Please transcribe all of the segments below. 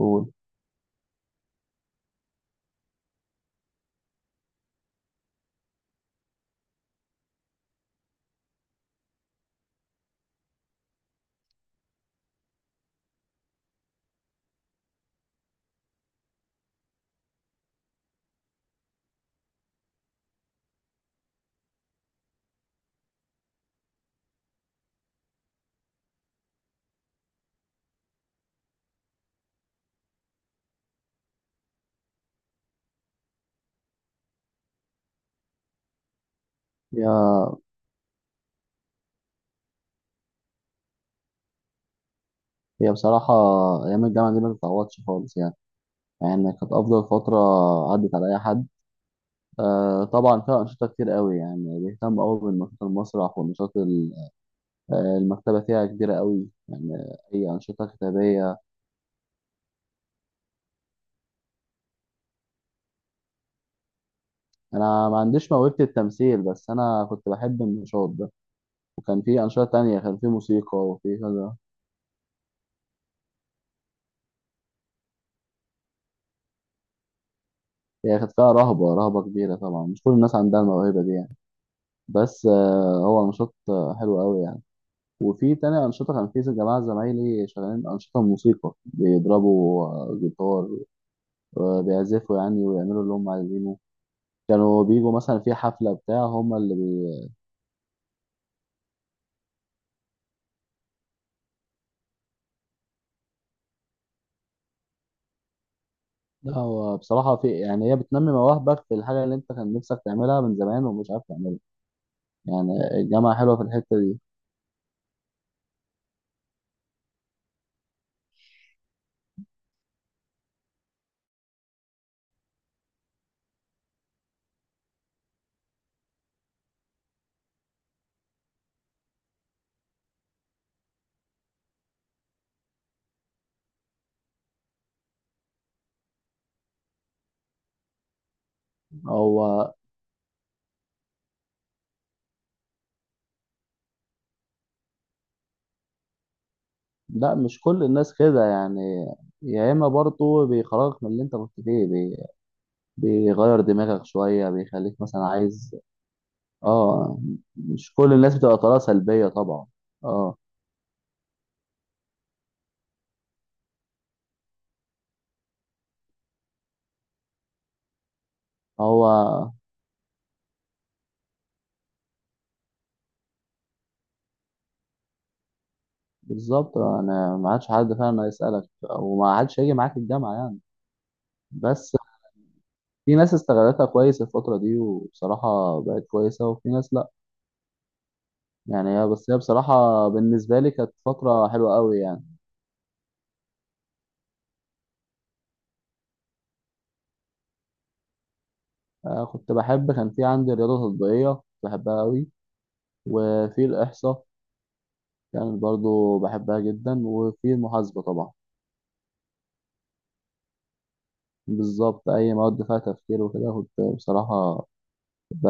قول. هي هي بصراحة، أيام الجامعة دي ما تتعوضش خالص يعني. يعني كانت أفضل فترة عدت على أي حد. آه طبعا، فيها أنشطة كتير قوي يعني، بيهتم قوي بالنشاط المسرح والنشاط المكتبة فيها كبيرة قوي يعني. أي أنشطة كتابية. أنا ما عنديش موهبة التمثيل بس أنا كنت بحب النشاط ده. وكان في أنشطة تانية، كان في موسيقى وفي كذا. هي كانت فيها رهبة رهبة كبيرة طبعا، مش كل الناس عندها الموهبة دي يعني. بس هو نشاط حلو قوي يعني. وفي تاني أنشطة، كان في جماعة زمايلي شغالين أنشطة موسيقى بيضربوا جيتار، بيعزفوا يعني ويعملوا اللي هم عايزينه. كانوا بيجوا مثلا في حفلة بتاع هم اللي. لا، هو بصراحة في يعني، هي بتنمي مواهبك في الحاجة اللي أنت كان نفسك تعملها من زمان ومش عارف تعملها. يعني الجامعة حلوة في الحتة دي. هو. لا، مش كل الناس كده يعني. يا إما برضه بيخرجك من اللي أنت كنت فيه. بيغير دماغك شوية، بيخليك مثلا عايز. اه. مش كل الناس بتبقى طالعه سلبيه طبعا. اه. هو. بالظبط، انا ما عادش حد فعلا هيسالك، وما عادش هيجي معاك الجامعه يعني. بس في ناس استغلتها كويس الفتره دي وبصراحه بقت كويسه، وفي ناس لا. يعني هي بس هي بصراحه بالنسبه لي كانت فتره حلوه قوي يعني. آه كنت بحب، كان في عندي رياضه تطبيقيه كنت بحبها قوي، وفي الاحصاء كان برضو بحبها جدا، وفي المحاسبه طبعا. بالظبط، اي مواد فيها تفكير وكده كنت بصراحه ب...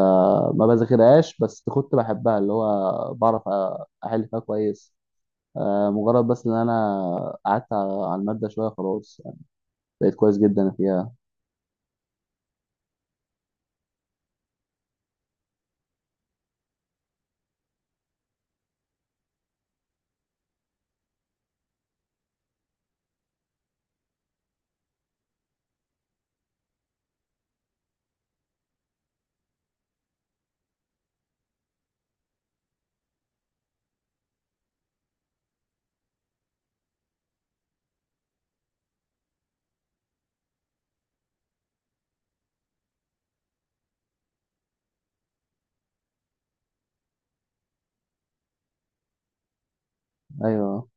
ما بذاكرهاش بس كنت بحبها، اللي هو بعرف احل فيها كويس. مجرد بس ان انا قعدت على الماده شويه، خلاص يعني بقيت كويس جدا فيها. ايوه.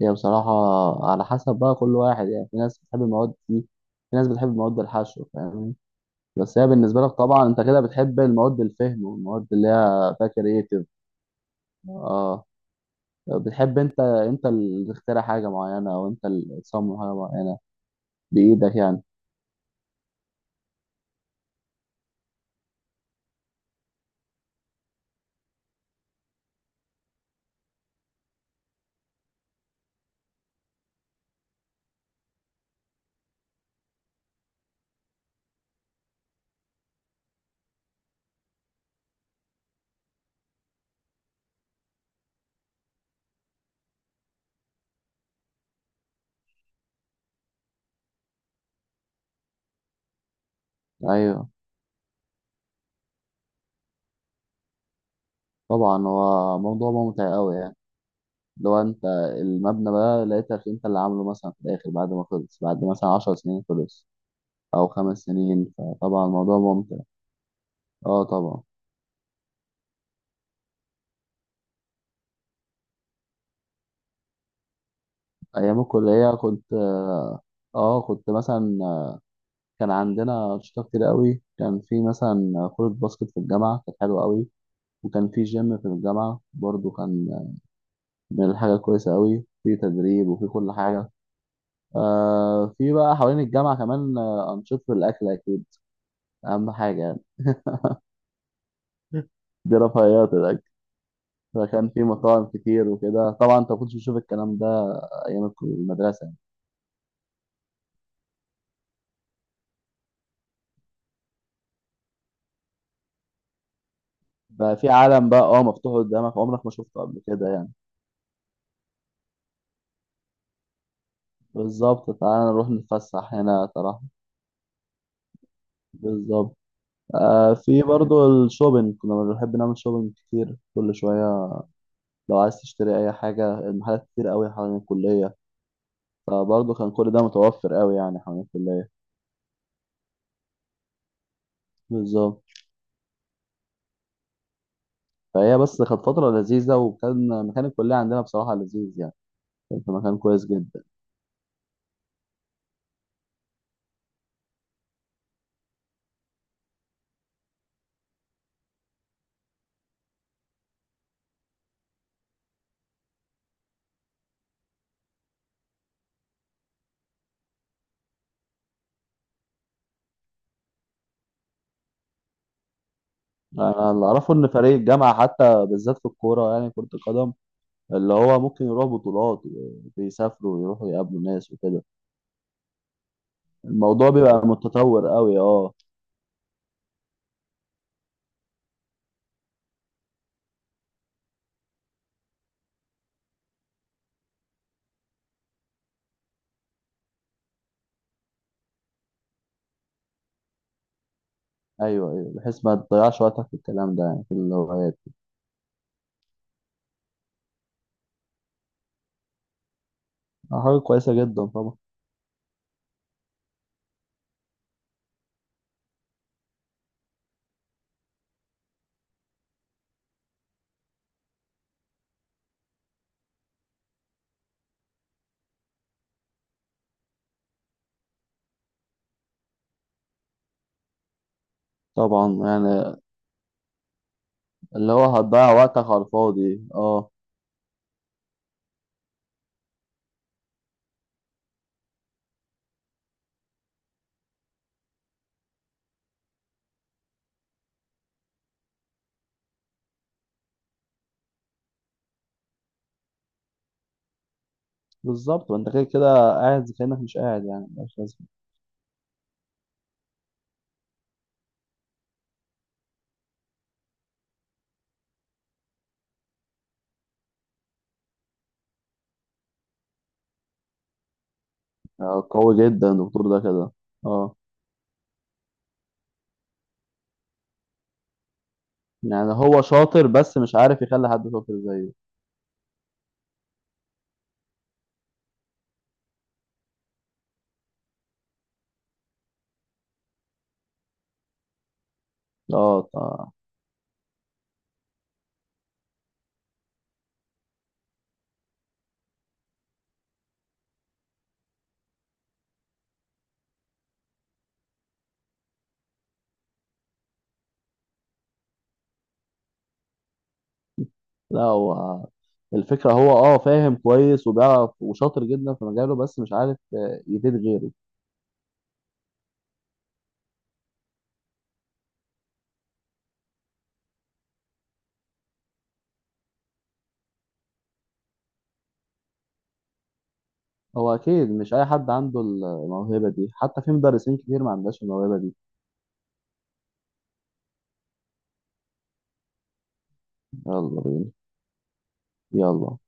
هي بصراحه، على حسب بقى كل واحد يعني. في ناس بتحب المواد دي، في ناس بتحب مواد الحشو فاهمني. بس هي بالنسبه لك طبعا، انت كده بتحب المواد الفهم والمواد اللي هي فيها كرييتيف. اه. بتحب انت اللي تخترع حاجه معينه، او انت اللي تصمم حاجه معينه بايدك يعني. ايوه، طبعا هو موضوع ممتع قوي يعني. لو انت المبنى بقى لقيتك انت اللي عامله مثلا، في الاخر بعد ما خلص، بعد مثلا 10 سنين خلص او 5 سنين، فطبعا الموضوع ممتع. اه طبعا. ايام الكلية كنت، اه كنت مثلا، كان عندنا انشطة كتير قوي. كان في مثلا كرة باسكت في الجامعة كانت حلوة قوي. وكان في جيم في الجامعة برضو، كان من الحاجة الكويسة قوي، في تدريب وفي كل حاجة. في بقى حوالين الجامعة كمان أنشطة الأكل أكيد اهم حاجه يعني. دي رفاهيات الاكل. فكان في مطاعم كتير وكده، طبعا انت ما كنتش بتشوف الكلام ده ايام المدرسه يعني. بقى في عالم بقى، اه مفتوح قدامك عمرك ما شفته قبل كده يعني. بالظبط، تعالى نروح نتفسح هنا صراحه. بالظبط. في برضو الشوبينج، كنا بنحب نعمل شوبينج كتير كل شويه. لو عايز تشتري اي حاجه، المحلات كتير قوي حوالين الكليه، فبرضه كان كل ده متوفر قوي يعني حوالين الكليه. بالظبط. فهي بس كانت فتره لذيذه، وكان مكان الكليه عندنا بصراحه لذيذ يعني، كان في مكان كويس جدا. انا اللي اعرفه ان فريق الجامعه حتى بالذات في الكوره يعني كره القدم، اللي هو ممكن يروح بطولات وبيسافروا ويروحوا يقابلوا ناس وكده. الموضوع بيبقى متطور قوي، اه. ايوه، ايوه، بحيث ما تضيعش وقتك في الكلام ده يعني في الهوايات. حاجه كويسه جدا طبعا. طبعا يعني، اللي هو هتضيع وقتك على الفاضي، اه. بالظبط، وانت كده كده قاعد زي كانك مش قاعد يعني، مش لازم. قوي جدا الدكتور ده كده. اه، يعني هو شاطر بس مش عارف يخلي حد شاطر زيه. اه. لا هو، الفكرة هو فاهم كويس وبيعرف وشاطر جدا في مجاله، بس مش عارف يفيد غيره. هو أكيد مش أي حد عنده الموهبة دي، حتى في مدرسين كتير ما عندهاش الموهبة دي. يلا بينا. يلا.